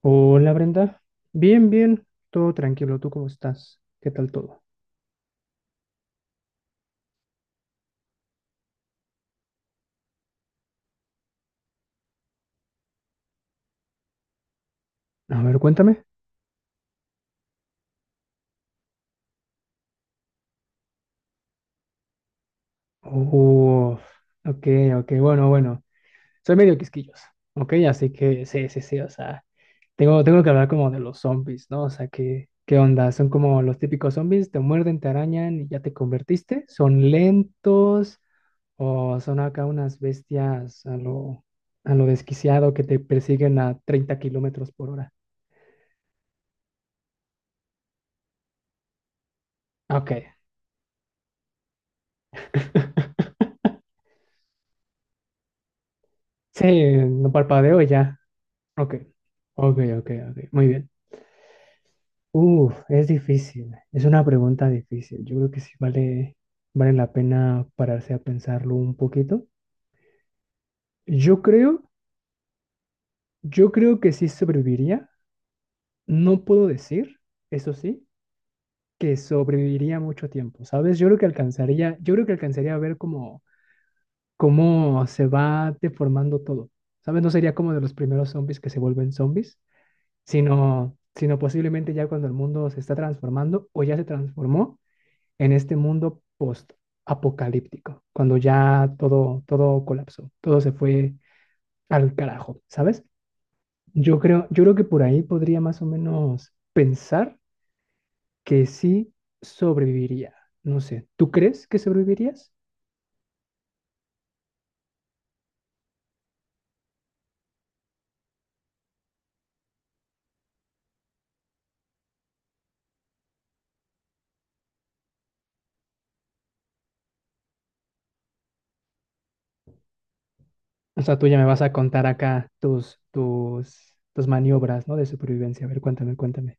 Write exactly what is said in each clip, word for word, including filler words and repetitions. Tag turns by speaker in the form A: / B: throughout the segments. A: Hola Brenda, bien, bien, todo tranquilo, ¿tú cómo estás? ¿Qué tal todo? A ver, cuéntame. Uf, ok, ok, bueno, bueno, soy medio quisquilloso, ok, así que sí, sí, sí, o sea, tengo, tengo que hablar como de los zombies, ¿no? O sea, ¿qué, qué onda? Son como los típicos zombies, te muerden, te arañan y ya te convertiste, son lentos o son acá unas bestias a lo, a lo desquiciado que te persiguen a treinta kilómetros por hora. Ok. Sí, no parpadeo y ya. Ok, ok, ok, ok. Muy bien. Uf, es difícil. Es una pregunta difícil. Yo creo que sí vale, vale la pena pararse a pensarlo un poquito. Yo creo, yo creo que sí sobreviviría. No puedo decir, eso sí, que sobreviviría mucho tiempo, ¿sabes? Yo creo que alcanzaría, yo creo que alcanzaría a ver cómo, cómo se va deformando todo. ¿Sabes? No sería como de los primeros zombies que se vuelven zombies sino, sino posiblemente ya cuando el mundo se está transformando o ya se transformó en este mundo post-apocalíptico, cuando ya todo, todo colapsó, todo se fue al carajo, ¿sabes? Yo creo, yo creo que por ahí podría más o menos pensar que sí sobreviviría. No sé, ¿tú crees que sobrevivirías? O sea, tú ya me vas a contar acá tus, tus, tus maniobras, ¿no? De supervivencia. A ver, cuéntame, cuéntame.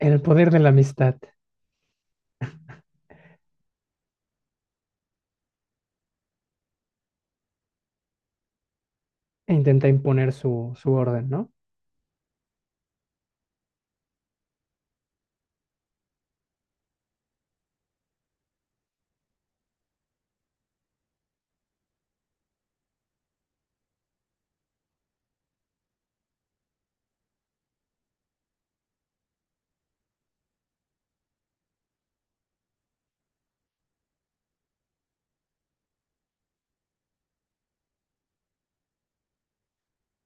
A: El poder de la amistad. E intenta imponer su, su orden, ¿no?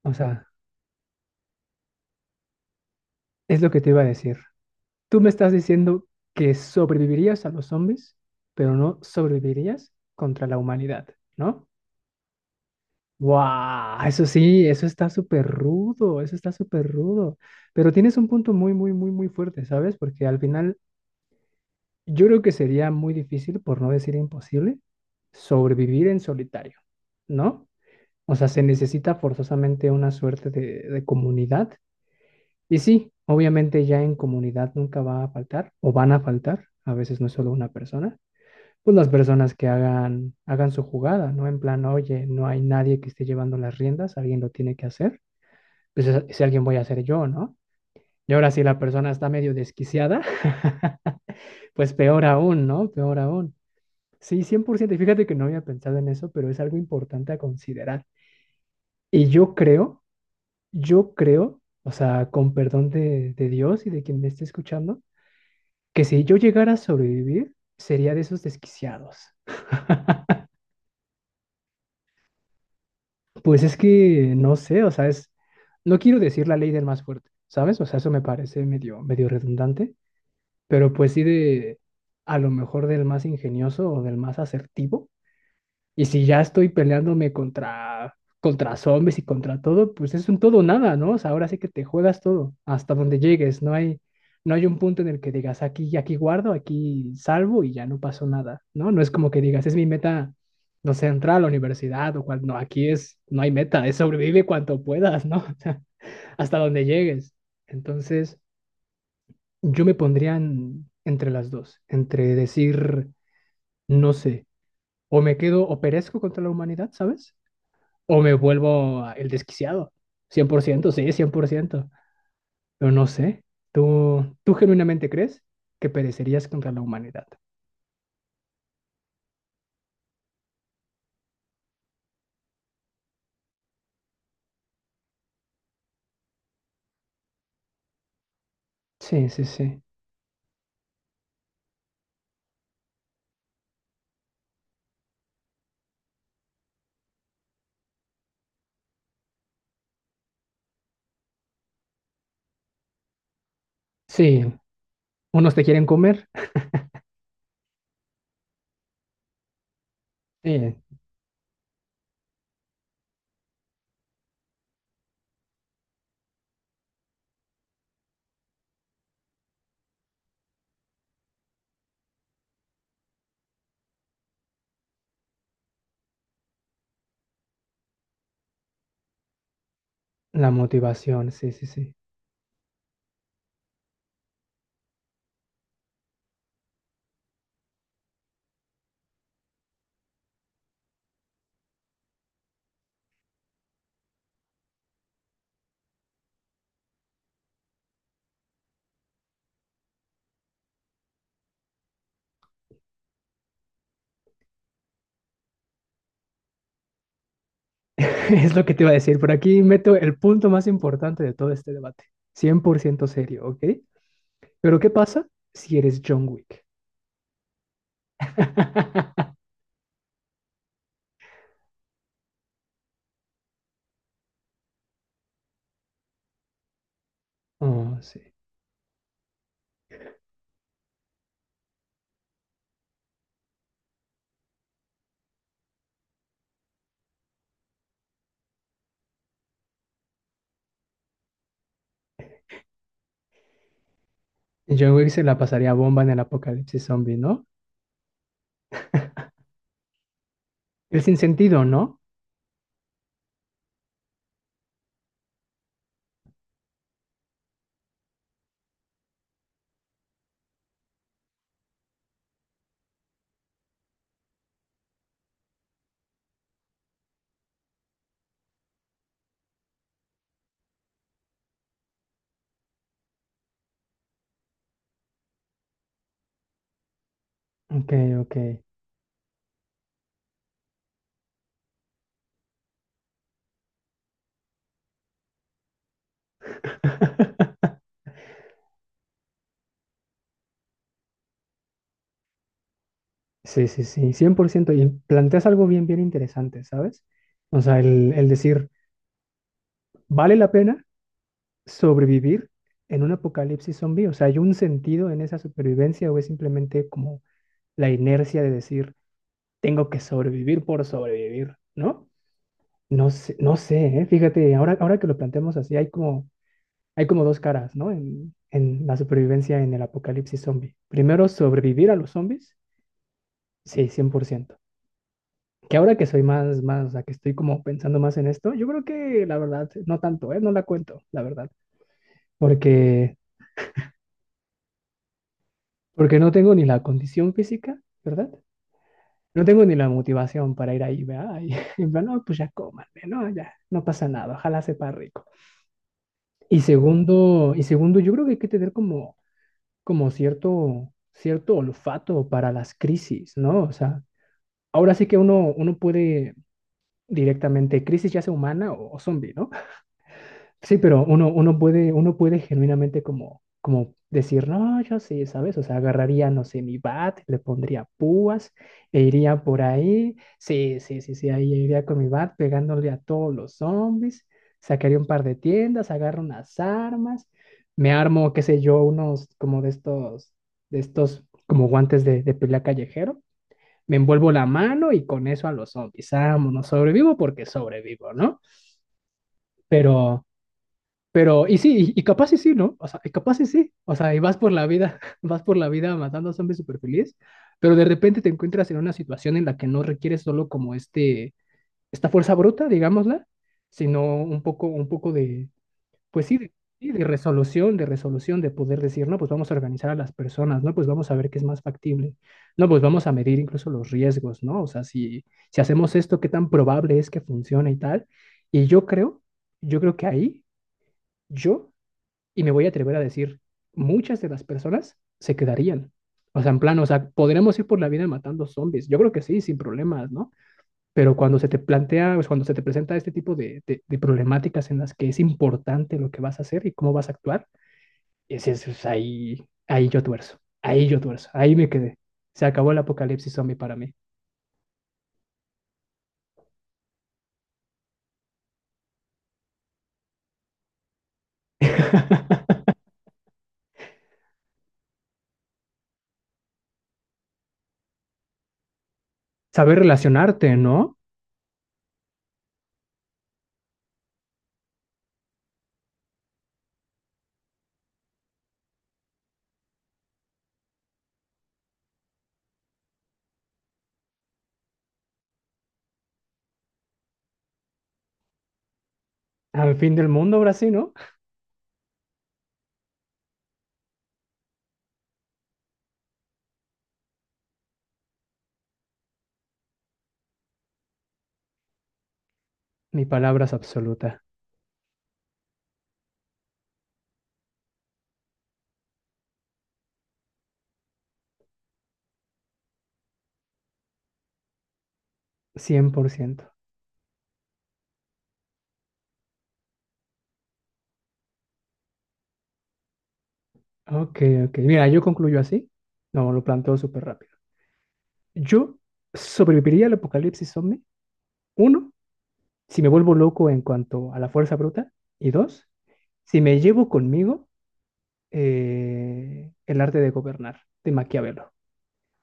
A: O sea, es lo que te iba a decir. Tú me estás diciendo que sobrevivirías a los zombies, pero no sobrevivirías contra la humanidad, ¿no? ¡Wow! Eso sí, eso está súper rudo, eso está súper rudo. Pero tienes un punto muy, muy, muy, muy fuerte, ¿sabes? Porque al final yo creo que sería muy difícil, por no decir imposible, sobrevivir en solitario, ¿no? O sea, se necesita forzosamente una suerte de, de comunidad. Y sí, obviamente ya en comunidad nunca va a faltar o van a faltar, a veces no es solo una persona, pues las personas que hagan, hagan su jugada, ¿no? En plan, oye, no hay nadie que esté llevando las riendas, alguien lo tiene que hacer, pues ese ese alguien voy a hacer yo, ¿no? Y ahora si la persona está medio desquiciada, pues peor aún, ¿no? Peor aún. Sí, cien por ciento, y fíjate que no había pensado en eso, pero es algo importante a considerar. Y yo creo, yo creo, o sea, con perdón de, de Dios y de quien me esté escuchando, que si yo llegara a sobrevivir, sería de esos desquiciados. Pues es que no sé, o sea, es, no quiero decir la ley del más fuerte, ¿sabes? O sea, eso me parece medio, medio redundante, pero pues sí de, a lo mejor del más ingenioso o del más asertivo. Y si ya estoy peleándome contra, contra zombies y contra todo, pues es un todo o nada, ¿no? O sea, ahora sí que te juegas todo, hasta donde llegues. No hay, no hay un punto en el que digas aquí, aquí guardo, aquí salvo y ya no pasó nada, ¿no? No es como que digas, es mi meta, no sé, entrar a la universidad o cual, no, aquí es, no hay meta, es sobrevive cuanto puedas, ¿no? O sea, hasta donde llegues. Entonces, yo me pondría en- entre las dos, entre decir, no sé, o me quedo, o perezco contra la humanidad, ¿sabes? O me vuelvo el desquiciado. Cien por ciento, sí, cien por ciento. Pero no sé. ¿Tú, tú genuinamente crees que perecerías contra la humanidad? Sí, sí, sí. Sí, unos te quieren comer. Sí, la motivación, sí, sí, sí. Es lo que te iba a decir. Por aquí meto el punto más importante de todo este debate. Cien por ciento serio, ¿ok? Pero ¿qué pasa si eres John Wick? Oh, sí. John Wick se la pasaría bomba en el apocalipsis zombie, ¿no? El sinsentido, ¿no? Ok, ok. Sí, sí, sí, cien por ciento. Y planteas algo bien, bien interesante, ¿sabes? O sea, el, el decir, ¿vale la pena sobrevivir en un apocalipsis zombie? O sea, ¿hay un sentido en esa supervivencia o es simplemente como la inercia de decir, tengo que sobrevivir por sobrevivir, ¿no? No sé, no sé, ¿eh? Fíjate, ahora, ahora que lo planteamos así, hay como, hay como dos caras, ¿no? En, en la supervivencia en el apocalipsis zombie. Primero, sobrevivir a los zombies, sí, cien por ciento. Que ahora que soy más, más, o sea, que estoy como pensando más en esto, yo creo que la verdad, no tanto, ¿eh? No la cuento, la verdad. Porque, porque no tengo ni la condición física, ¿verdad? No tengo ni la motivación para ir ahí, ¿verdad? Y, en plan, no, pues ya cómanme, ¿no? Ya, no pasa nada, ojalá sepa rico. Y segundo, y segundo, yo creo que hay que tener como, como cierto, cierto olfato para las crisis, ¿no? O sea, ahora sí que uno, uno puede directamente, crisis ya sea humana o, o zombie, ¿no? Sí, pero uno, uno puede, uno puede genuinamente como, como decir, no, yo sí, ¿sabes? O sea, agarraría, no sé, mi bat, le pondría púas e iría por ahí. Sí, sí, sí, sí, ahí iría con mi bat pegándole a todos los zombies. Sacaría un par de tiendas, agarro unas armas, me armo, qué sé yo, unos como de estos, de estos como guantes de, de pelea callejero. Me envuelvo la mano y con eso a los zombies. Vámonos, sobrevivo porque sobrevivo, ¿no? Pero... Pero, y sí, y, y capaz y sí, ¿no? O sea, y capaz y sí. O sea, y vas por la vida, vas por la vida matando a zombies súper feliz, pero de repente te encuentras en una situación en la que no requieres solo como este, esta fuerza bruta, digámosla, sino un poco, un poco de, pues sí, de, sí, de resolución, de resolución, de poder decir, no, pues vamos a organizar a las personas, no, pues vamos a ver qué es más factible, no, pues vamos a medir incluso los riesgos, ¿no? O sea, si, si hacemos esto, qué tan probable es que funcione y tal. Y yo creo, yo creo que ahí, yo y me voy a atrever a decir, muchas de las personas se quedarían. O sea, en plan, o sea, podremos ir por la vida matando zombies. Yo creo que sí, sin problemas, ¿no? Pero cuando se te plantea, pues cuando se te presenta este tipo de, de- de problemáticas en las que es importante lo que vas a hacer y cómo vas a actuar, ese es, es ahí, ahí yo tuerzo, ahí yo tuerzo, ahí me quedé. Se acabó el apocalipsis zombie para mí. Saber relacionarte, ¿no? Al fin del mundo, ahora sí, ¿no? Mi palabra es absoluta, cien por ciento. Ok, ok. Mira, yo concluyo así. No, lo planteo súper rápido. Yo sobreviviría al apocalipsis zombie. Uno, si me vuelvo loco en cuanto a la fuerza bruta. Y dos, si me llevo conmigo eh, el arte de gobernar de Maquiavelo.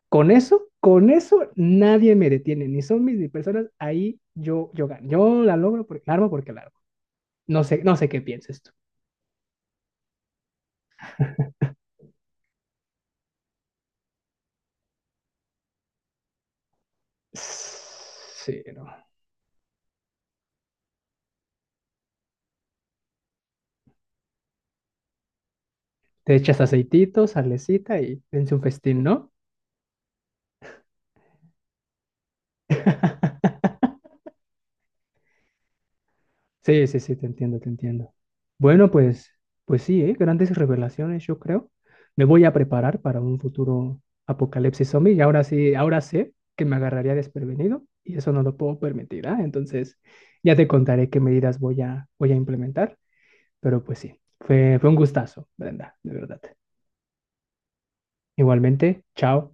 A: Con eso, con eso nadie me detiene, ni zombies ni personas. Ahí yo, yo gano. Yo la logro porque la armo porque la armo. No sé, no sé qué pienses tú. Sí, no. Te echas aceitito, salecita y dense un festín, ¿no? Sí, sí, sí, te entiendo, te entiendo. Bueno, pues, pues sí, ¿eh? Grandes revelaciones, yo creo. Me voy a preparar para un futuro apocalipsis zombie y ahora sí, ahora sé que me agarraría desprevenido y eso no lo puedo permitir, ¿ah? Entonces, ya te contaré qué medidas voy a, voy a implementar, pero pues sí, fue, fue un gustazo, Brenda, de verdad. Igualmente, chao.